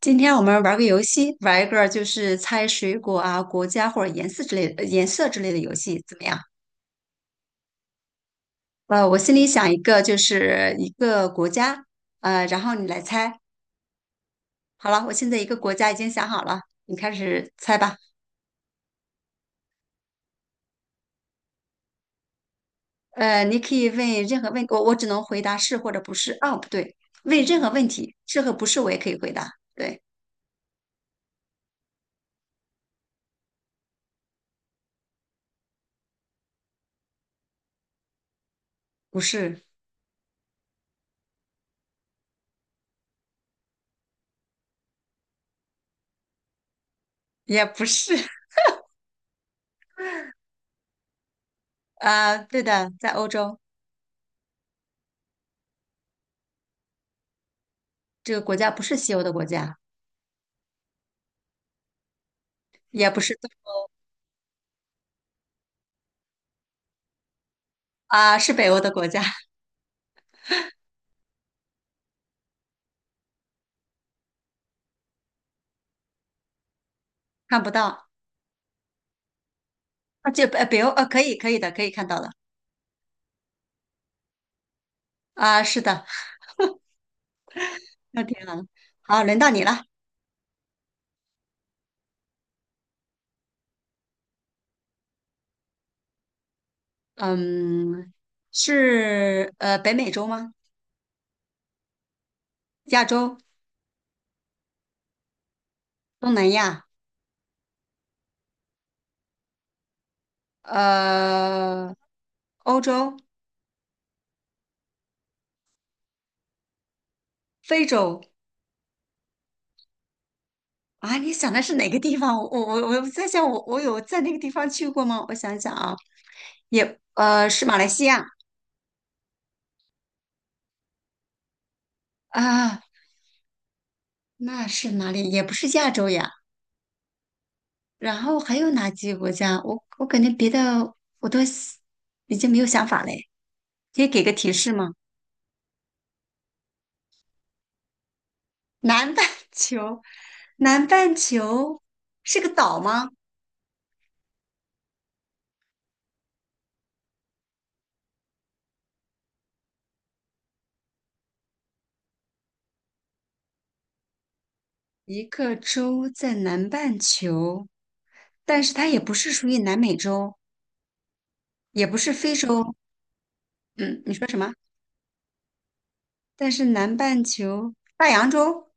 今天我们玩个游戏，玩一个就是猜水果啊、国家或者颜色之类的、颜色之类的游戏，怎么样？我心里想一个，就是一个国家，然后你来猜。好了，我现在一个国家已经想好了，你开始猜吧。你可以问任何问，我只能回答是或者不是。哦，不对，问任何问题，是和不是我也可以回答。对，不是也不是。啊、对的，在欧洲，这个国家不是西欧的国家，也不是东啊、是北欧的国家。看不到啊，这北欧可以的，可以看到的啊，是的，那挺好的。好，轮到你了，嗯，是北美洲吗？亚洲、东南亚、呃欧洲、非洲啊？你想的是哪个地方？我在想我，我有在那个地方去过吗？我想想啊，也是马来西亚啊，那是哪里？也不是亚洲呀。然后还有哪几个国家？我感觉别的我都已经没有想法嘞。可以给个提示吗？南半球，南半球是个岛吗？一个洲在南半球，但是它也不是属于南美洲，也不是非洲。嗯，你说什么？但是南半球，大洋洲，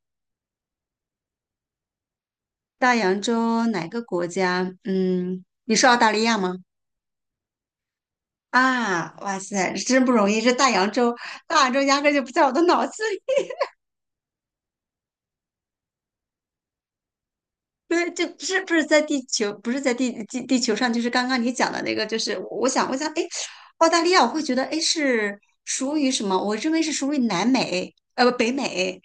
大洋洲哪个国家？嗯，你说澳大利亚吗？啊，哇塞，真不容易，这大洋洲，大洋洲压根儿就不在我的脑子里。对，这不是在地球，不是在地球上，就是刚刚你讲的那个，就是我想，我想，哎，澳大利亚，我会觉得，哎，是属于什么？我认为是属于南美，呃，不，北美。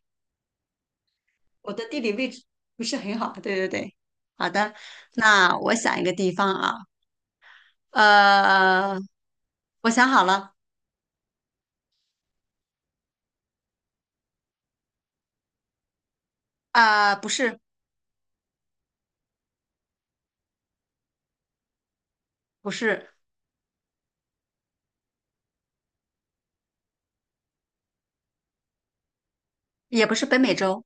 我的地理位置不是很好，对对对。好的，那我想一个地方啊，呃，我想好了，啊、不是，不是，也不是北美洲，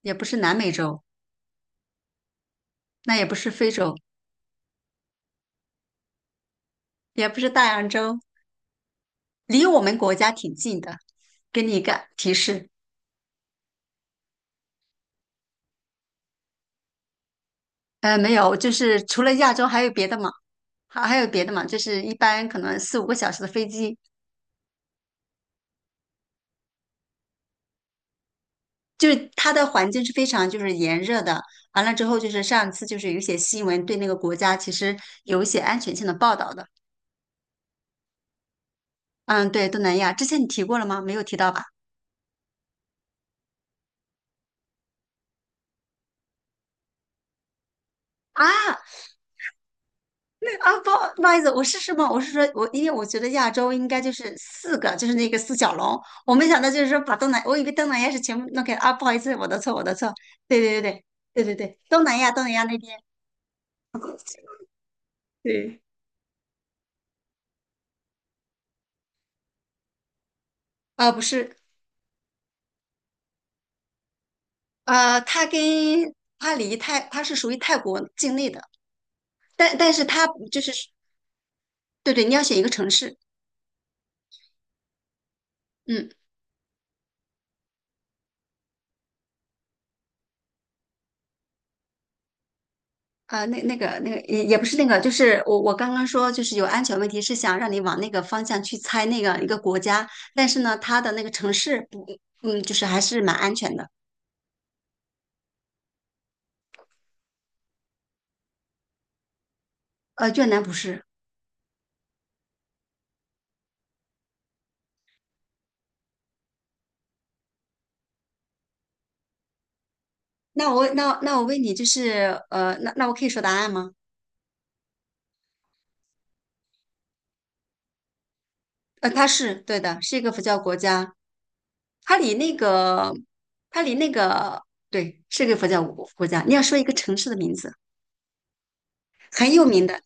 也不是南美洲，那也不是非洲，也不是大洋洲，离我们国家挺近的，给你一个提示。没有，就是除了亚洲还有别的嘛，还有别的嘛，就是一般可能四五个小时的飞机，它的环境是非常就是炎热的。完了之后，就是上次就是有一些新闻对那个国家其实有一些安全性的报道的。嗯，对，东南亚之前你提过了吗？没有提到吧？啊啊，不好意思，我是什么？我是说我因为我觉得亚洲应该就是四个，就是那个四小龙，我没想到就是说把东南，我以为东南亚是全部弄开。啊，不好意思，我的错，我的错，对对对对对对对，东南亚那边。对，啊、不是，呃，它离泰，它是属于泰国境内的，但是它就是对对，你要选一个城市，嗯，啊、那个也也不是那个，就是我刚刚说就是有安全问题，是想让你往那个方向去猜那个一个国家，但是呢，它的那个城市不，嗯，就是还是蛮安全的，呃，越南不是，那我问你，就是呃，那我可以说答案吗？呃，它是对的，是一个佛教国家，它离那个，它离那个，对，是个佛教国家。你要说一个城市的名字，很有名的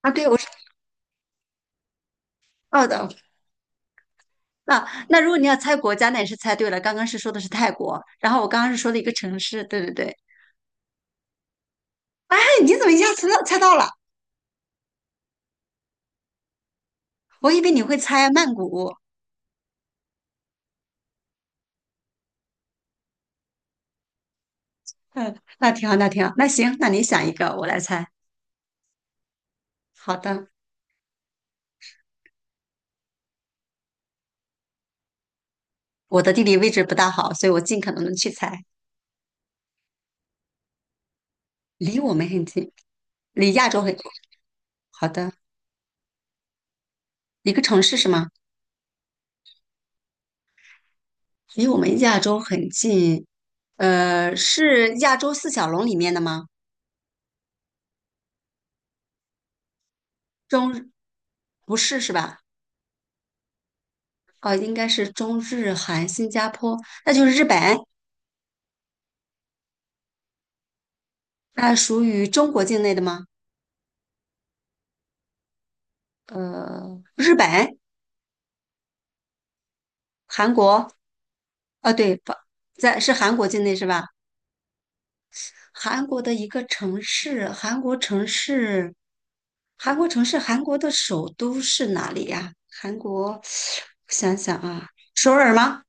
啊，对，我是知道的。那那如果你要猜国家，那也是猜对了。刚刚是说的是泰国，然后我刚刚是说的一个城市，对对对。哎，你怎么一下子猜到了？我以为你会猜曼谷。嗯，那挺好，那挺好，那行，那你想一个，我来猜。好的，我的地理位置不大好，所以我尽可能的去猜，离我们很近，离亚洲很近。好的。一个城市是吗？离我们亚洲很近，呃，是亚洲四小龙里面的吗？中，不是是吧？哦，应该是中日韩新加坡，那就是日本，那属于中国境内的吗？呃，日本、韩国，啊，对，不在是韩国境内是吧？韩国的一个城市，韩国城市，韩国的首都是哪里呀？韩国，我想想啊，首尔吗？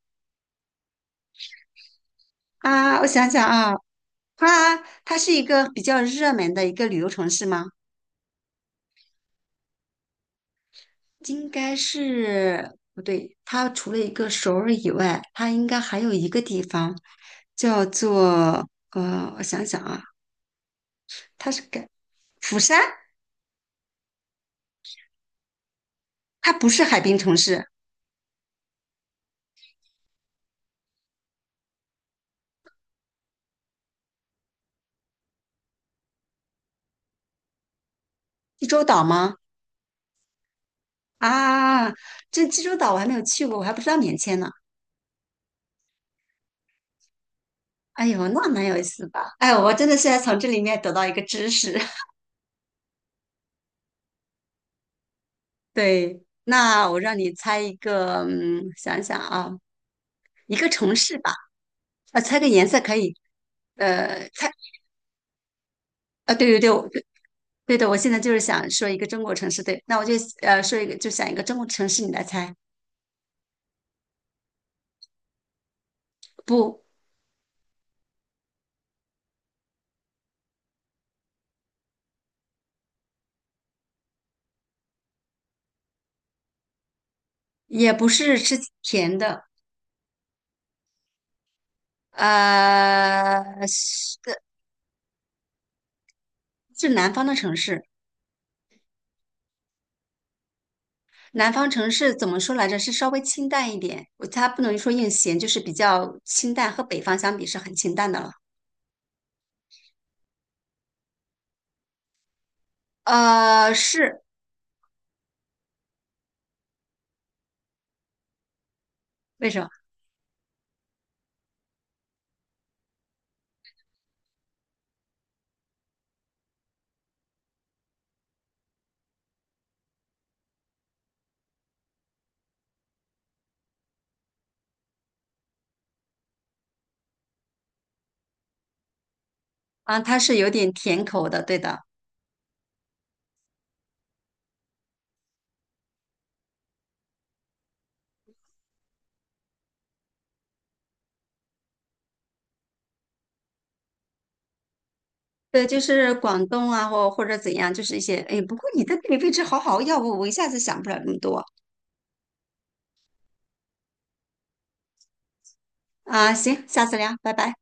啊，我想想啊，它它是一个比较热门的一个旅游城市吗？应该是不对，它除了一个首尔以外，它应该还有一个地方叫做我想想啊，它是改釜山，它不是海滨城市，济州岛吗？啊，这济州岛我还没有去过，我还不知道免签呢。哎呦，那蛮有意思的。哎，我真的是要从这里面得到一个知识。对，那我让你猜一个，嗯，想想啊，一个城市吧，啊，猜个颜色可以，呃，猜，啊，对对对，对的，我现在就是想说一个中国城市，对，那我就说一个，就想一个中国城市，你来猜，不，也不是吃甜的，呃，是是南方的城市，南方城市怎么说来着？是稍微清淡一点，我它不能说硬咸，就是比较清淡，和北方相比是很清淡的了，呃，是为什么？啊，它是有点甜口的，对的，对，就是广东啊，或者怎样，就是一些，哎，不过你的地理位置好好，要不我一下子想不了那么多啊，行，下次聊，拜拜。